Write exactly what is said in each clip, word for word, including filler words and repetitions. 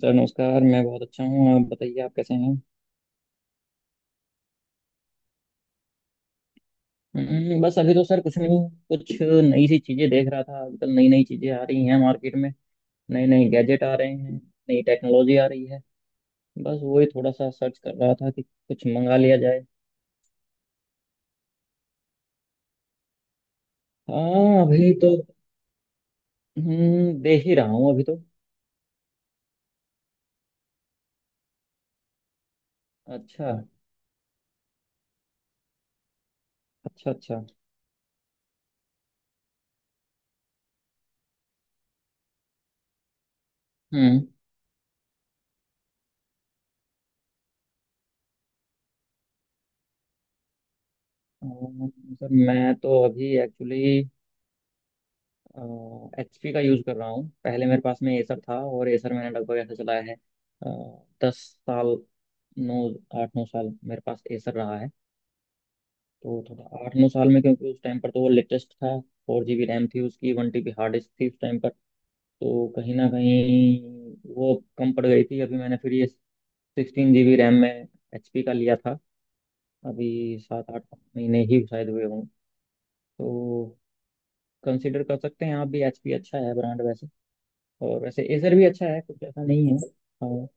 Sir नमस्कार मैं बहुत अच्छा हूँ। आप बताइए आप कैसे हैं। हम्म, बस अभी तो सर कुछ नहीं। कुछ नई सी चीजें देख रहा था। आजकल नई नई चीजें आ रही हैं मार्केट में। नए नए गैजेट आ रहे हैं। नई टेक्नोलॉजी आ रही है। बस वही थोड़ा सा सर्च कर रहा था कि कुछ मंगा लिया जाए। हाँ अभी तो हम्म देख ही रहा हूँ अभी तो। अच्छा अच्छा। अच्छा। हम्म। अम, सर मैं तो अभी एक्चुअली एचपी का यूज़ कर रहा हूँ। पहले मेरे पास में एसर था और एसर मैंने लगभग ऐसा चलाया है अ, दस साल, नौ, आठ नौ साल मेरे पास एसर रहा है। तो थोड़ा आठ नौ साल में, क्योंकि उस टाइम पर तो वो लेटेस्ट था। फोर जी बी रैम थी उसकी, one T B hard disk थी उस टाइम पर। तो कहीं ना कहीं वो कम पड़ गई थी। अभी मैंने फिर ये सिक्सटीन जी बी रैम में एचपी का लिया था। अभी सात आठ महीने ही शायद हुए हों। तो कंसिडर कर सकते हैं आप भी, एचपी अच्छा है ब्रांड वैसे। और वैसे एसर भी अच्छा है, कुछ ऐसा नहीं है। और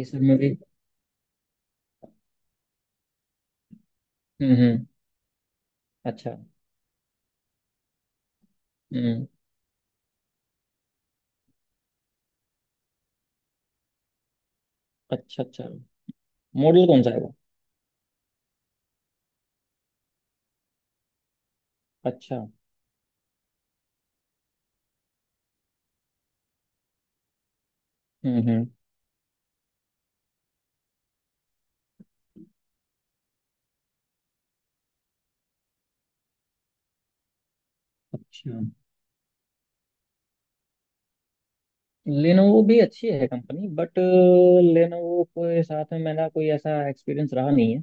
एसर में भी। हम्म हम्म। अच्छा। हम्म। अच्छा अच्छा। मॉडल कौन सा है वो? अच्छा। हम्म हम्म। अच्छा। लेनोवो भी अच्छी है कंपनी, बट लेनोवो के साथ में मेरा कोई ऐसा एक्सपीरियंस रहा नहीं है।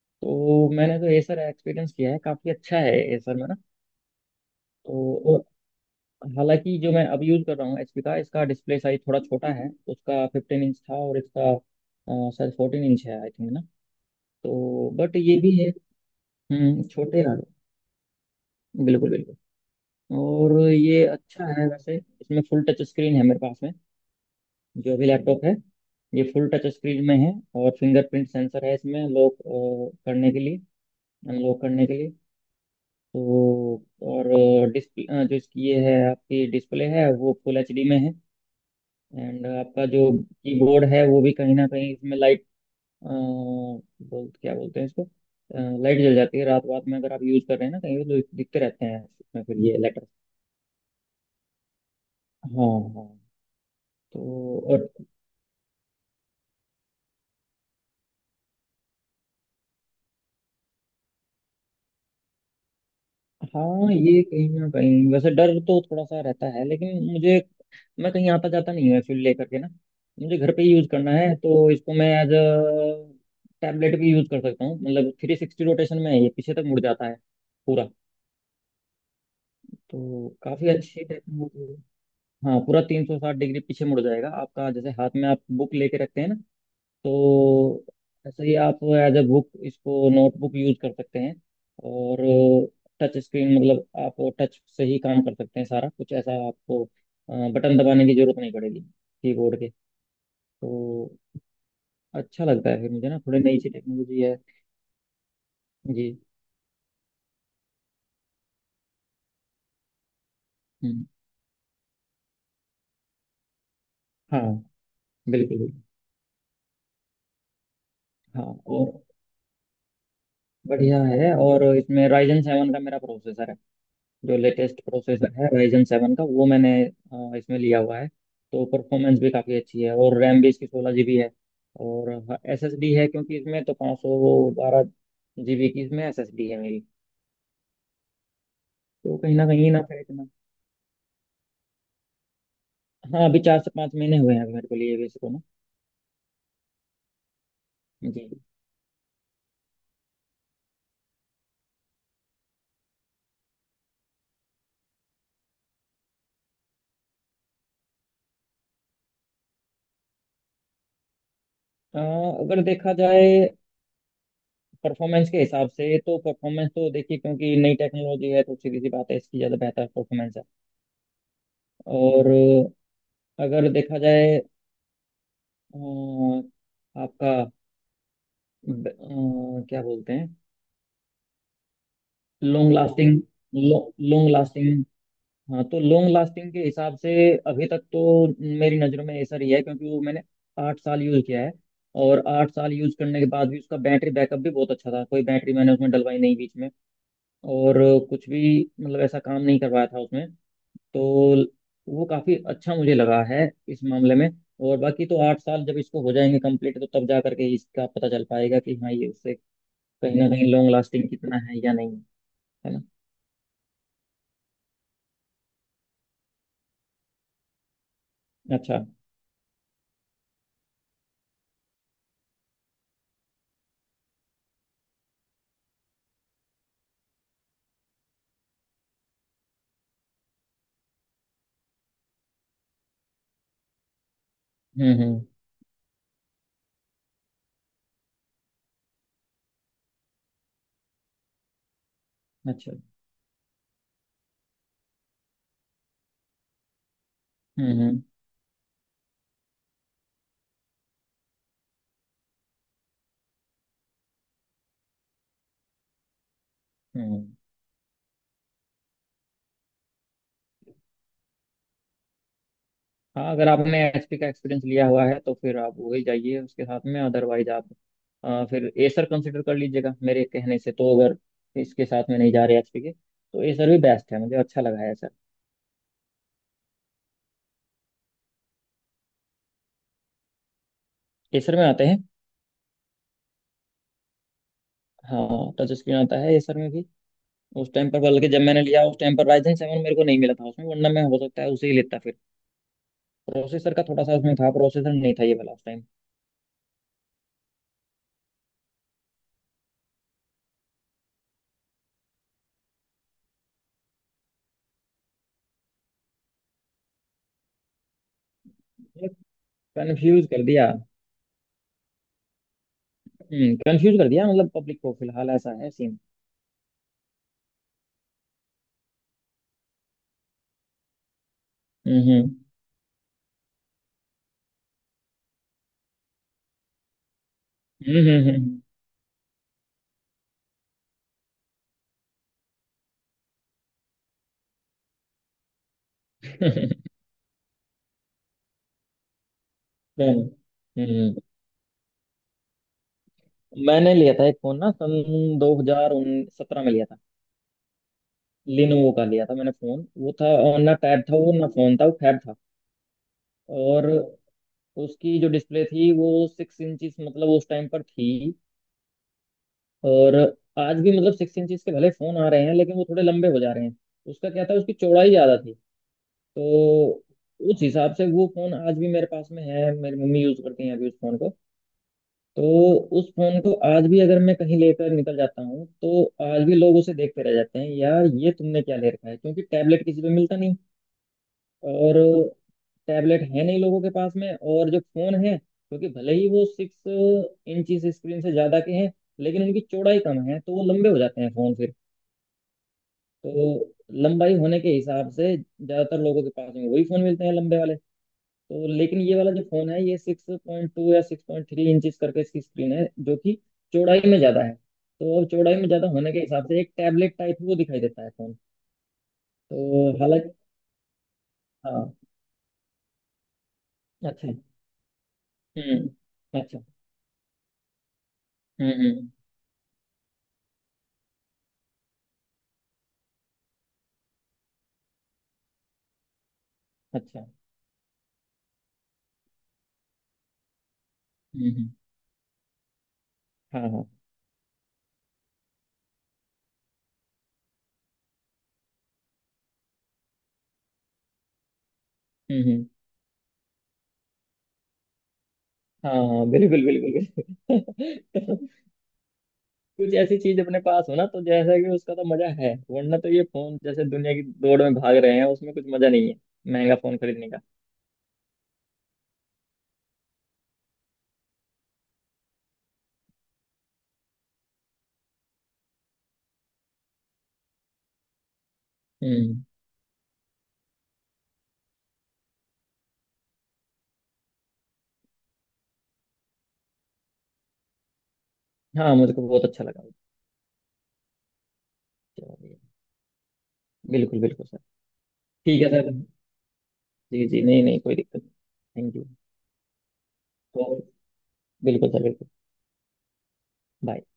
तो मैंने तो एसर एक्सपीरियंस किया है, काफ़ी अच्छा है एसर में ना। तो और हालांकि जो मैं अब यूज़ कर रहा हूँ एचपी का, इसका डिस्प्ले साइज थोड़ा छोटा है। उसका फिफ्टीन इंच था और इसका अ, शायद फोर्टीन इंच है आई थिंक ना। तो बट ये भी है। हम्म, छोटे यार। बिल्कुल बिल्कुल। और ये अच्छा है वैसे। इसमें फुल टच स्क्रीन है मेरे पास में जो भी लैपटॉप है। ये फुल टच स्क्रीन में है। और फिंगरप्रिंट सेंसर है इसमें, लॉक करने के लिए, अनलॉक करने के लिए। तो और डिस्प्ले जो इसकी ये है, आपकी डिस्प्ले है वो फुल एचडी में है। एंड आपका जो कीबोर्ड है वो भी कहीं ना कहीं इसमें लाइट, बोल क्या बोलते हैं इसको, लाइट जल जाती है। रात रात में अगर आप यूज कर रहे हैं ना कहीं तो दिखते रहते हैं इसमें फिर ये। हाँ हाँ। तो और हाँ, ये कहीं ना कहीं वैसे डर तो थोड़ा सा रहता है, लेकिन मुझे, मैं कहीं आता जाता नहीं हूँ एक्चुअली लेकर के ना। मुझे घर पे ही यूज करना है, तो इसको मैं एज अ टैबलेट भी यूज कर सकता हूँ। मतलब थ्री सिक्सटी रोटेशन में है, ये पीछे तक मुड़ जाता है पूरा। तो काफी अच्छी टेक्नोलॉजी है। हाँ पूरा तीन सौ साठ डिग्री पीछे मुड़ जाएगा आपका। जैसे हाथ में आप बुक लेके रखते हैं ना, तो ऐसे ही आप एज ए बुक इसको नोटबुक यूज कर सकते हैं। और टच स्क्रीन मतलब आप टच से ही काम कर सकते हैं सारा कुछ, ऐसा आपको बटन दबाने की जरूरत नहीं पड़ेगी कीबोर्ड के। तो अच्छा लगता है फिर मुझे ना, थोड़ी नई सी टेक्नोलॉजी है। जी। हम्म, हाँ बिल्कुल बिल्कुल। हाँ और बढ़िया है। और इसमें राइजन सेवन का मेरा प्रोसेसर है, जो लेटेस्ट प्रोसेसर है राइजन सेवन का, वो मैंने अ, इसमें लिया हुआ है। तो परफॉर्मेंस भी काफ़ी अच्छी है और रैम भी इसकी सोलह जी बी है। और एस एस डी है, क्योंकि इसमें तो पाँच सौ बारह जी बी की इसमें एस एस डी है मेरी। तो कहीं ना कहीं ना फिर इतना। हाँ अभी चार से पाँच महीने हुए हैं अभी मेरे को लिए भी इसको ना। जी। अ, अगर देखा जाए परफॉर्मेंस के हिसाब से, तो परफॉर्मेंस तो देखिए क्योंकि नई टेक्नोलॉजी है, तो सीधी सी बात है, इसकी ज़्यादा बेहतर परफॉर्मेंस है। और अगर देखा जाए अ, आपका ब- अ, क्या बोलते हैं, लॉन्ग लास्टिंग। लॉन्ग लास्टिंग, हाँ। तो लॉन्ग लास्टिंग के हिसाब से अभी तक तो मेरी नज़रों में एसर ही है, क्योंकि वो मैंने आठ साल यूज़ किया है। और आठ साल यूज़ करने के बाद भी उसका बैटरी बैकअप भी बहुत अच्छा था, कोई बैटरी मैंने उसमें डलवाई नहीं बीच में। और कुछ भी मतलब ऐसा काम नहीं करवाया था उसमें। तो वो काफी अच्छा मुझे लगा है इस मामले में। और बाकी तो आठ साल जब इसको हो जाएंगे कंप्लीट, तो तब जा करके इसका पता चल पाएगा कि हाँ ये उससे कहीं ना कहीं लॉन्ग लास्टिंग कितना है या नहीं। है ना। अच्छा। हम्म हम्म। अच्छा। हम्म हम्म। हम्म। हाँ अगर आपने एचपी का एक्सपीरियंस लिया हुआ है, तो फिर आप वही जाइए उसके साथ में। अदरवाइज आप अ, फिर एसर कंसिडर कर लीजिएगा मेरे कहने से। तो अगर इसके साथ में नहीं जा रहे एचपी के तो एसर भी बेस्ट है, मुझे अच्छा लगा है एसर। एसर में आते हैं। हाँ टच स्क्रीन आता है एसर में भी। उस टाइम पर बल्कि जब मैंने लिया उस टाइम पर राइजन सेवन मेरे को नहीं मिला था उसमें, वरना मैं हो सकता है उसे ही लेता फिर। प्रोसेसर का थोड़ा सा उसमें था, प्रोसेसर नहीं था ये वाला उस टाइम। कंफ्यूज कर दिया। हम्म, कंफ्यूज कर दिया, मतलब पब्लिक को फिलहाल ऐसा है सीन। हम्म हम्म। हम्म हम्म, हम्म, हम्म। मैंने लिया था एक फोन ना सन दो हजार सत्रह में लिया था। लिनोवो का लिया था मैंने फोन, वो था। और ना टैब था वो ना फोन था, वो फैब था। और उसकी जो डिस्प्ले थी वो सिक्स इंचिस मतलब उस टाइम पर थी। और आज भी मतलब सिक्स इंचिस के भले फोन आ रहे हैं, लेकिन वो थोड़े लंबे हो जा रहे हैं। उसका क्या था, उसकी चौड़ाई ज्यादा थी। तो उस हिसाब से वो फोन आज भी मेरे पास में है, मेरी मम्मी यूज करती हैं अभी उस फोन को। तो उस फोन को आज भी अगर मैं कहीं लेकर निकल जाता हूँ तो आज भी लोग उसे देखते रह जाते हैं, यार ये तुमने क्या ले रखा है। क्योंकि टैबलेट किसी पे मिलता नहीं, और टैबलेट है नहीं लोगों के पास में। और जो फोन है क्योंकि भले ही वो सिक्स इंच स्क्रीन से ज्यादा के हैं, लेकिन उनकी चौड़ाई कम है, तो वो लंबे हो जाते हैं फोन फिर। तो लंबाई होने के हिसाब से ज्यादातर लोगों के पास में वही फोन मिलते हैं, लंबे वाले। तो लेकिन ये वाला जो फोन है ये सिक्स पॉइंट टू या सिक्स पॉइंट थ्री इंचज करके इसकी स्क्रीन है, जो कि चौड़ाई में ज्यादा है। तो अब चौड़ाई में ज्यादा होने के हिसाब से एक टैबलेट टाइप वो दिखाई देता है फोन। तो हालांकि हाँ। अच्छा। हम्म। अच्छा। हम्म हम्म, अच्छा। हम्म हम्म, हाँ हाँ। हम्म हम्म, हाँ हाँ, बिल्कुल बिल्कुल। बिल्कुल। कुछ ऐसी चीज अपने पास हो ना, तो जैसा कि उसका तो मजा है। वरना तो ये फोन जैसे दुनिया की दौड़ में भाग रहे हैं उसमें कुछ मजा नहीं है, महंगा फोन खरीदने का। हम्म। हाँ मुझको बहुत अच्छा लगा। चलिए। बिल्कुल बिल्कुल सर। ठीक है सर। जी जी, नहीं नहीं, कोई दिक्कत नहीं। Thank you. तो बिल्कुल सर बिल्कुल। बाय।